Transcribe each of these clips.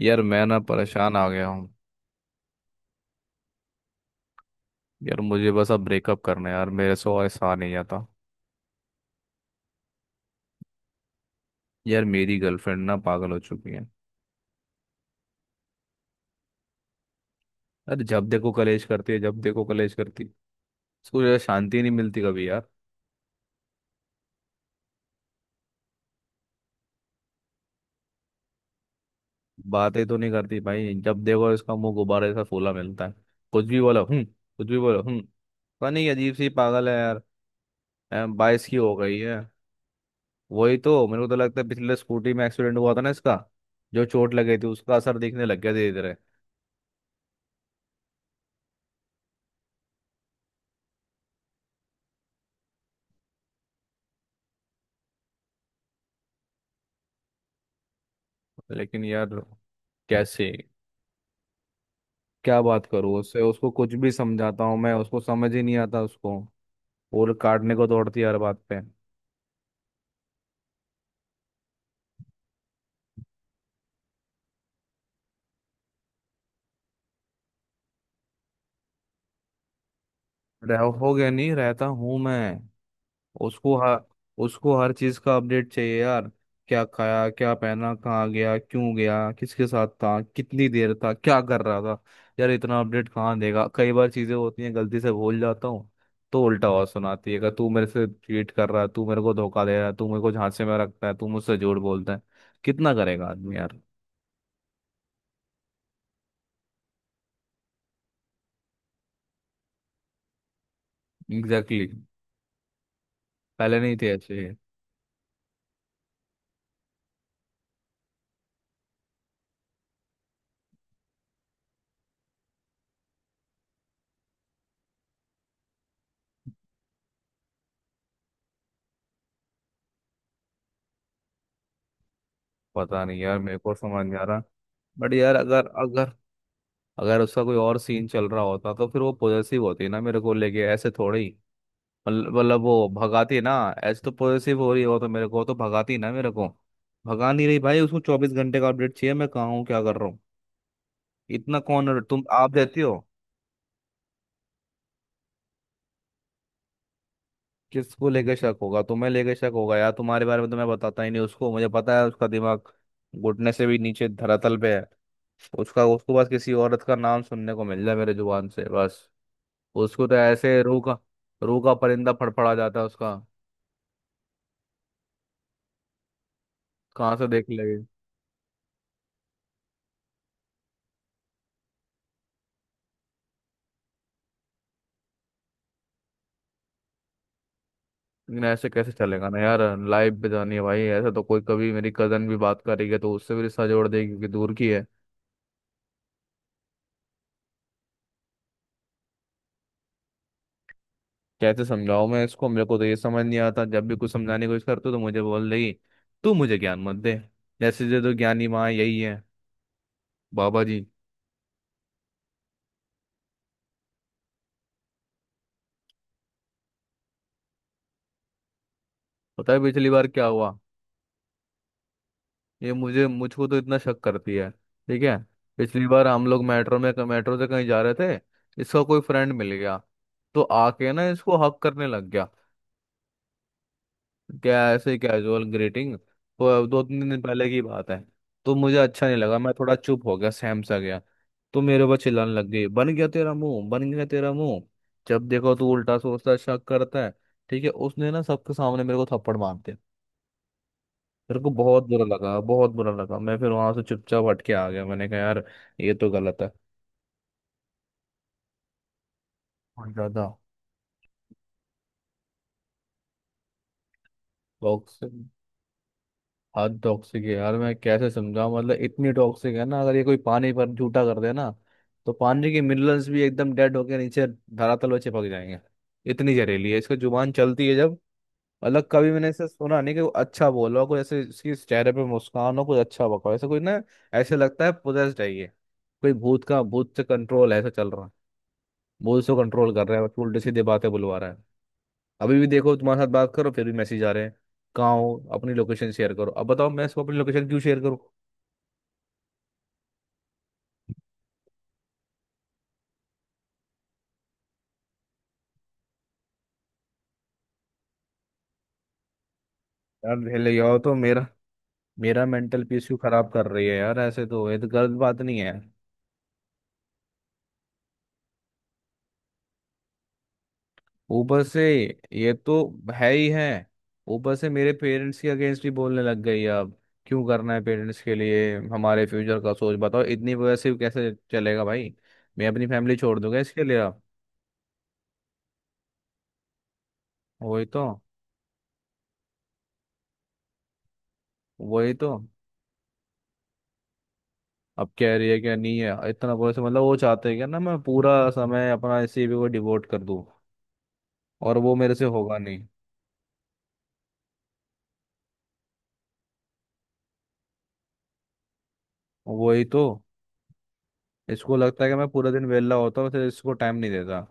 यार मैं ना परेशान आ गया हूँ। यार मुझे बस अब ब्रेकअप करना है, यार मेरे से और सहा नहीं जाता। यार मेरी गर्लफ्रेंड ना पागल हो चुकी है। अरे जब देखो कलेश करती है, जब देखो कलेश करती। उसको यार शांति नहीं मिलती कभी यार। बातें तो नहीं करती भाई, जब देखो इसका मुंह गुब्बारे सा फूला मिलता है। कुछ भी बोलो हूँ, कुछ भी बोलो हूँ, पता नहीं अजीब सी पागल है यार। 22 की हो गई है। वही तो, मेरे को तो लगता है पिछले स्कूटी में एक्सीडेंट हुआ था ना इसका, जो चोट लगी थी उसका असर दिखने लग गया धीरे धीरे। लेकिन यार कैसे? क्या बात करूँ उससे? उसको कुछ भी समझाता हूँ मैं, उसको समझ ही नहीं आता उसको, और काटने को दौड़ती है हर बात पे। रह हो गया, नहीं रहता हूँ मैं। उसको हर उसको हर चीज का अपडेट चाहिए यार। क्या खाया, क्या पहना, कहाँ गया, क्यों गया, किसके साथ था, कितनी देर था, क्या कर रहा था। यार इतना अपडेट कहाँ देगा, कई बार चीजें होती हैं गलती से भूल जाता हूँ। तो उल्टा आवाज सुनाती है कि तू मेरे से चीट कर रहा है, तू मेरे को धोखा दे रहा है, तू मेरे को झांसे में रखता है, तू मुझसे झूठ बोलता है। कितना करेगा आदमी यार। Exactly exactly. पहले नहीं थे ऐसे। पता नहीं यार मेरे को समझ नहीं आ रहा। बट यार अगर अगर अगर उसका कोई और सीन चल रहा होता तो फिर वो पॉजेसिव होती ना मेरे को लेके, ऐसे थोड़े ही। मतलब वो भगाती ना। ऐसे तो पॉजेसिव हो रही हो तो मेरे को तो भगाती ना मेरे को। भगा नहीं रही भाई, उसको 24 घंटे का अपडेट चाहिए मैं कहाँ हूँ, क्या कर रहा हूँ। इतना कौन तुम आप देती हो। किसको लेके शक होगा? तुम्हें लेके शक होगा? यार तुम्हारे बारे में तो मैं बताता ही नहीं उसको, मुझे पता है उसका दिमाग घुटने से भी नीचे धरातल पे है उसका। उसको बस किसी औरत का नाम सुनने को मिल जाए मेरे जुबान से बस, उसको तो ऐसे रूह का परिंदा फड़फड़ा जाता है उसका। कहाँ से देख लेगी? लेकिन ऐसे कैसे चलेगा ना यार। लाइफ पे जानी है भाई, ऐसे तो कोई कभी मेरी कजन भी बात करेगी तो उससे भी रिश्ता जोड़ देगी, क्योंकि दूर की है। कैसे समझाऊं मैं इसको? मेरे को तो ये समझ नहीं आता, जब भी कुछ समझाने की कोशिश करती हूँ, तो मुझे बोल देगी तू मुझे ज्ञान मत दे। जैसे जो तो ज्ञानी माँ यही है, बाबा जी। पता है पिछली बार क्या हुआ? ये मुझे मुझको तो इतना शक करती है। ठीक है, पिछली बार हम लोग मेट्रो से कहीं जा रहे थे। इसका कोई फ्रेंड मिल गया, तो आके ना इसको हक करने लग गया। क्या ऐसे कैजुअल ग्रीटिंग। तो दो तीन दिन पहले की बात है। तो मुझे अच्छा नहीं लगा, मैं थोड़ा चुप हो गया, सहम सा गया। तो मेरे ऊपर चिल्लाने लग गई, बन गया तेरा मुंह, बन गया तेरा मुंह, जब देखो तू उल्टा सोचता है, शक करता है। ठीक है, उसने ना सबके सामने मेरे को थप्पड़ मार दिया। मेरे को बहुत बुरा लगा, बहुत बुरा लगा। मैं फिर वहां से चुपचाप हट के आ गया, मैंने कहा यार ये तो गलत है। बहुत ज्यादा टॉक्सिक। हद टॉक्सिक है यार, मैं कैसे समझाऊं। मतलब इतनी टॉक्सिक है ना, अगर ये कोई पानी पर झूठा कर दे ना, तो पानी के मिनरल्स भी एकदम डेड होके नीचे धरातल में चिपक जाएंगे। इतनी जहरीली है, इसका जुबान चलती है जब। अलग कभी मैंने ऐसा सुना नहीं कि वो अच्छा बोला हो कोई, ऐसे इसके चेहरे पे मुस्कान हो कोई, अच्छा बका हो ऐसा कोई ना। ऐसे लगता है पोजेस्ड है ये, कोई भूत का, भूत से कंट्रोल ऐसा चल रहा है। वो उसको कंट्रोल कर रहा है, तो उल्टे सीधे बातें बुलवा रहा है। अभी भी देखो तुम्हारे साथ बात करो, फिर भी मैसेज आ रहे हैं, कहाँ हो, अपनी लोकेशन शेयर करो। अब बताओ मैं इसको अपनी लोकेशन क्यों शेयर करूँ? यार ले जाओ तो मेरा मेरा मेंटल पीस क्यों खराब कर रही है यार। ऐसे तो, ये तो गलत बात नहीं है ऊपर से। ये तो है ही है, ऊपर से मेरे पेरेंट्स के अगेंस्ट भी बोलने लग गई है अब। क्यों करना है पेरेंट्स के लिए हमारे फ्यूचर का सोच? बताओ इतनी वजह से कैसे चलेगा भाई। मैं अपनी फैमिली छोड़ दूंगा इसके लिए अब? वही तो। वही तो, अब कह रही है क्या नहीं है। इतना बोले से मतलब वो चाहते हैं क्या ना मैं पूरा समय अपना इसी पे वो डिवोट कर दूं, और वो मेरे से होगा नहीं। वही तो, इसको लगता है कि मैं पूरा दिन वेला होता हूँ, फिर इसको टाइम नहीं देता।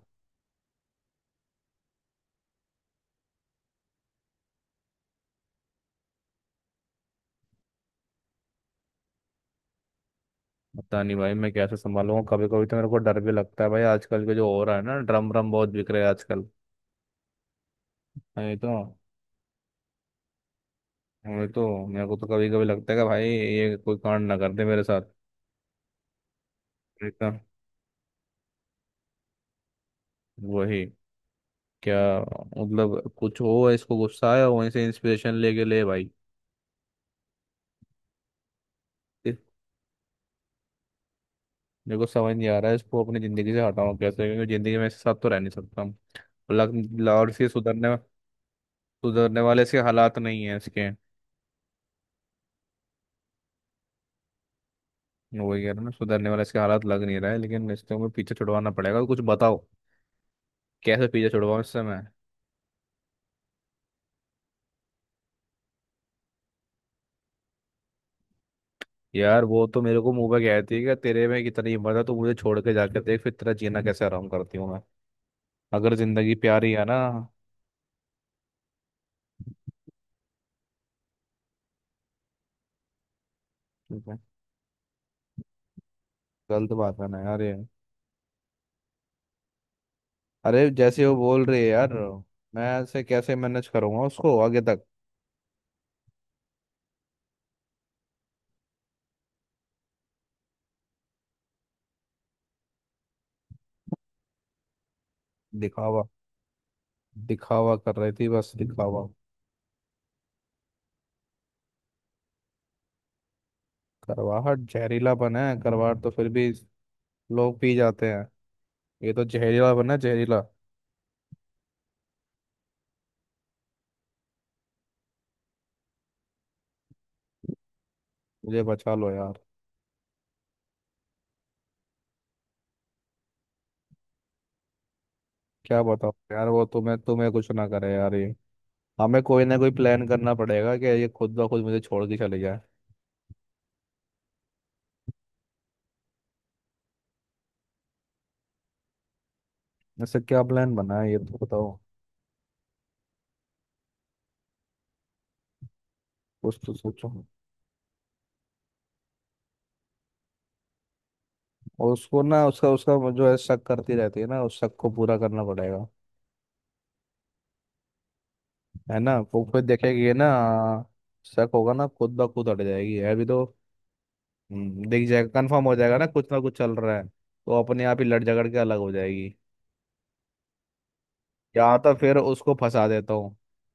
पता नहीं भाई मैं कैसे संभालूंगा। कभी कभी तो मेरे को डर भी लगता है भाई, आजकल के जो हो रहा है ना, ड्रम ड्रम बहुत बिक रहे हैं आजकल। नहीं तो नहीं तो मेरे को तो कभी कभी लगता है कि भाई ये कोई कांड ना कर दे मेरे साथ। नहीं तो वही, क्या मतलब, कुछ हो इसको गुस्सा आया, वहीं से इंस्पिरेशन लेके ले भाई। मेरे को समझ नहीं आ रहा है इसको अपनी ज़िंदगी से हटाऊं कैसे, क्योंकि ज़िंदगी में इसके साथ तो रह नहीं सकता हूं। और इसके सुधरने सुधरने वाले इसके हालात नहीं है इसके। वही कह रहा हूं ना, सुधरने वाले इसके हालात लग नहीं रहा है, लेकिन इसको मैं पीछे छुड़वाना पड़ेगा। कुछ बताओ कैसे पीछे छुड़वाऊं इससे मैं? यार वो तो मेरे को मुंह पे कहती है कि तेरे में कितनी हिम्मत है, तो मुझे छोड़ के जाके देख, फिर तेरा जीना कैसे आराम करती हूँ मैं, अगर जिंदगी प्यारी है ना। ठीक है, गलत बात है ना यार ये। अरे जैसे वो बोल रही है यार, मैं ऐसे कैसे मैनेज करूंगा उसको आगे तक। दिखावा, दिखावा कर रही थी, बस दिखावा। करवाहट जहरीला बना है, करवाहट तो फिर भी लोग पी जाते हैं, ये तो जहरीला बना है, जहरीला। मुझे बचा लो यार। क्या बताओ यार, वो तुम्हें तुम्हें कुछ ना करे यार ये। हमें कोई ना कोई प्लान करना पड़ेगा कि ये खुद ब खुद मुझे छोड़ के चले जाए। ऐसे क्या प्लान बना है ये तो बताओ। कुछ तो सोचो। और उसको ना, उसका उसका वो जो है, शक करती रहती है ना, उस शक को पूरा करना पड़ेगा। है ना, वो फिर देखेगी ये ना, शक होगा ना, खुद ब खुद हट जाएगी। है भी तो। दिख जाएगा, कंफर्म हो जाएगा ना कुछ चल रहा है, तो अपने आप ही लड़ झगड़ के अलग हो जाएगी। या तो फिर उसको फंसा देता हूँ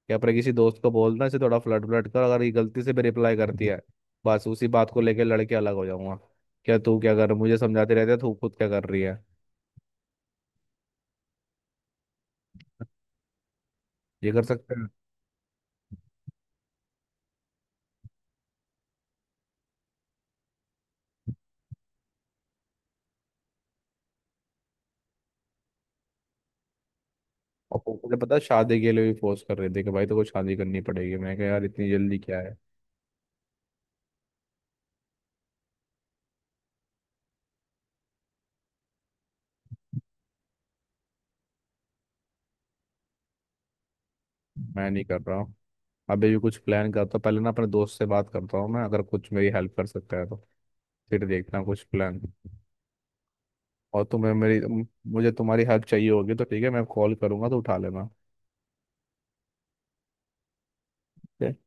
कि अपने किसी दोस्त को बोलना इसे थोड़ा फ्लर्ट फ्लर्ट कर, अगर ये गलती से भी रिप्लाई करती है, बस उसी बात को लेके लड़के अलग हो जाऊंगा। क्या तू, क्या कर, मुझे समझाते रहते है, तू खुद क्या कर रही है। ये कर सकते हैं। और वो, मुझे पता है शादी के लिए भी फोर्स कर रही थी कि भाई तो कुछ शादी करनी पड़ेगी। मैं कहा यार इतनी जल्दी क्या है, मैं नहीं कर रहा हूँ। अभी भी कुछ प्लान करता हूँ, पहले ना अपने दोस्त से बात करता हूँ मैं, अगर कुछ मेरी हेल्प कर सकता है तो, फिर देखना कुछ प्लान। और तुम्हें मेरी, मुझे तुम्हारी हेल्प चाहिए होगी तो ठीक है, मैं कॉल करूंगा तो उठा लेना, ठीक है?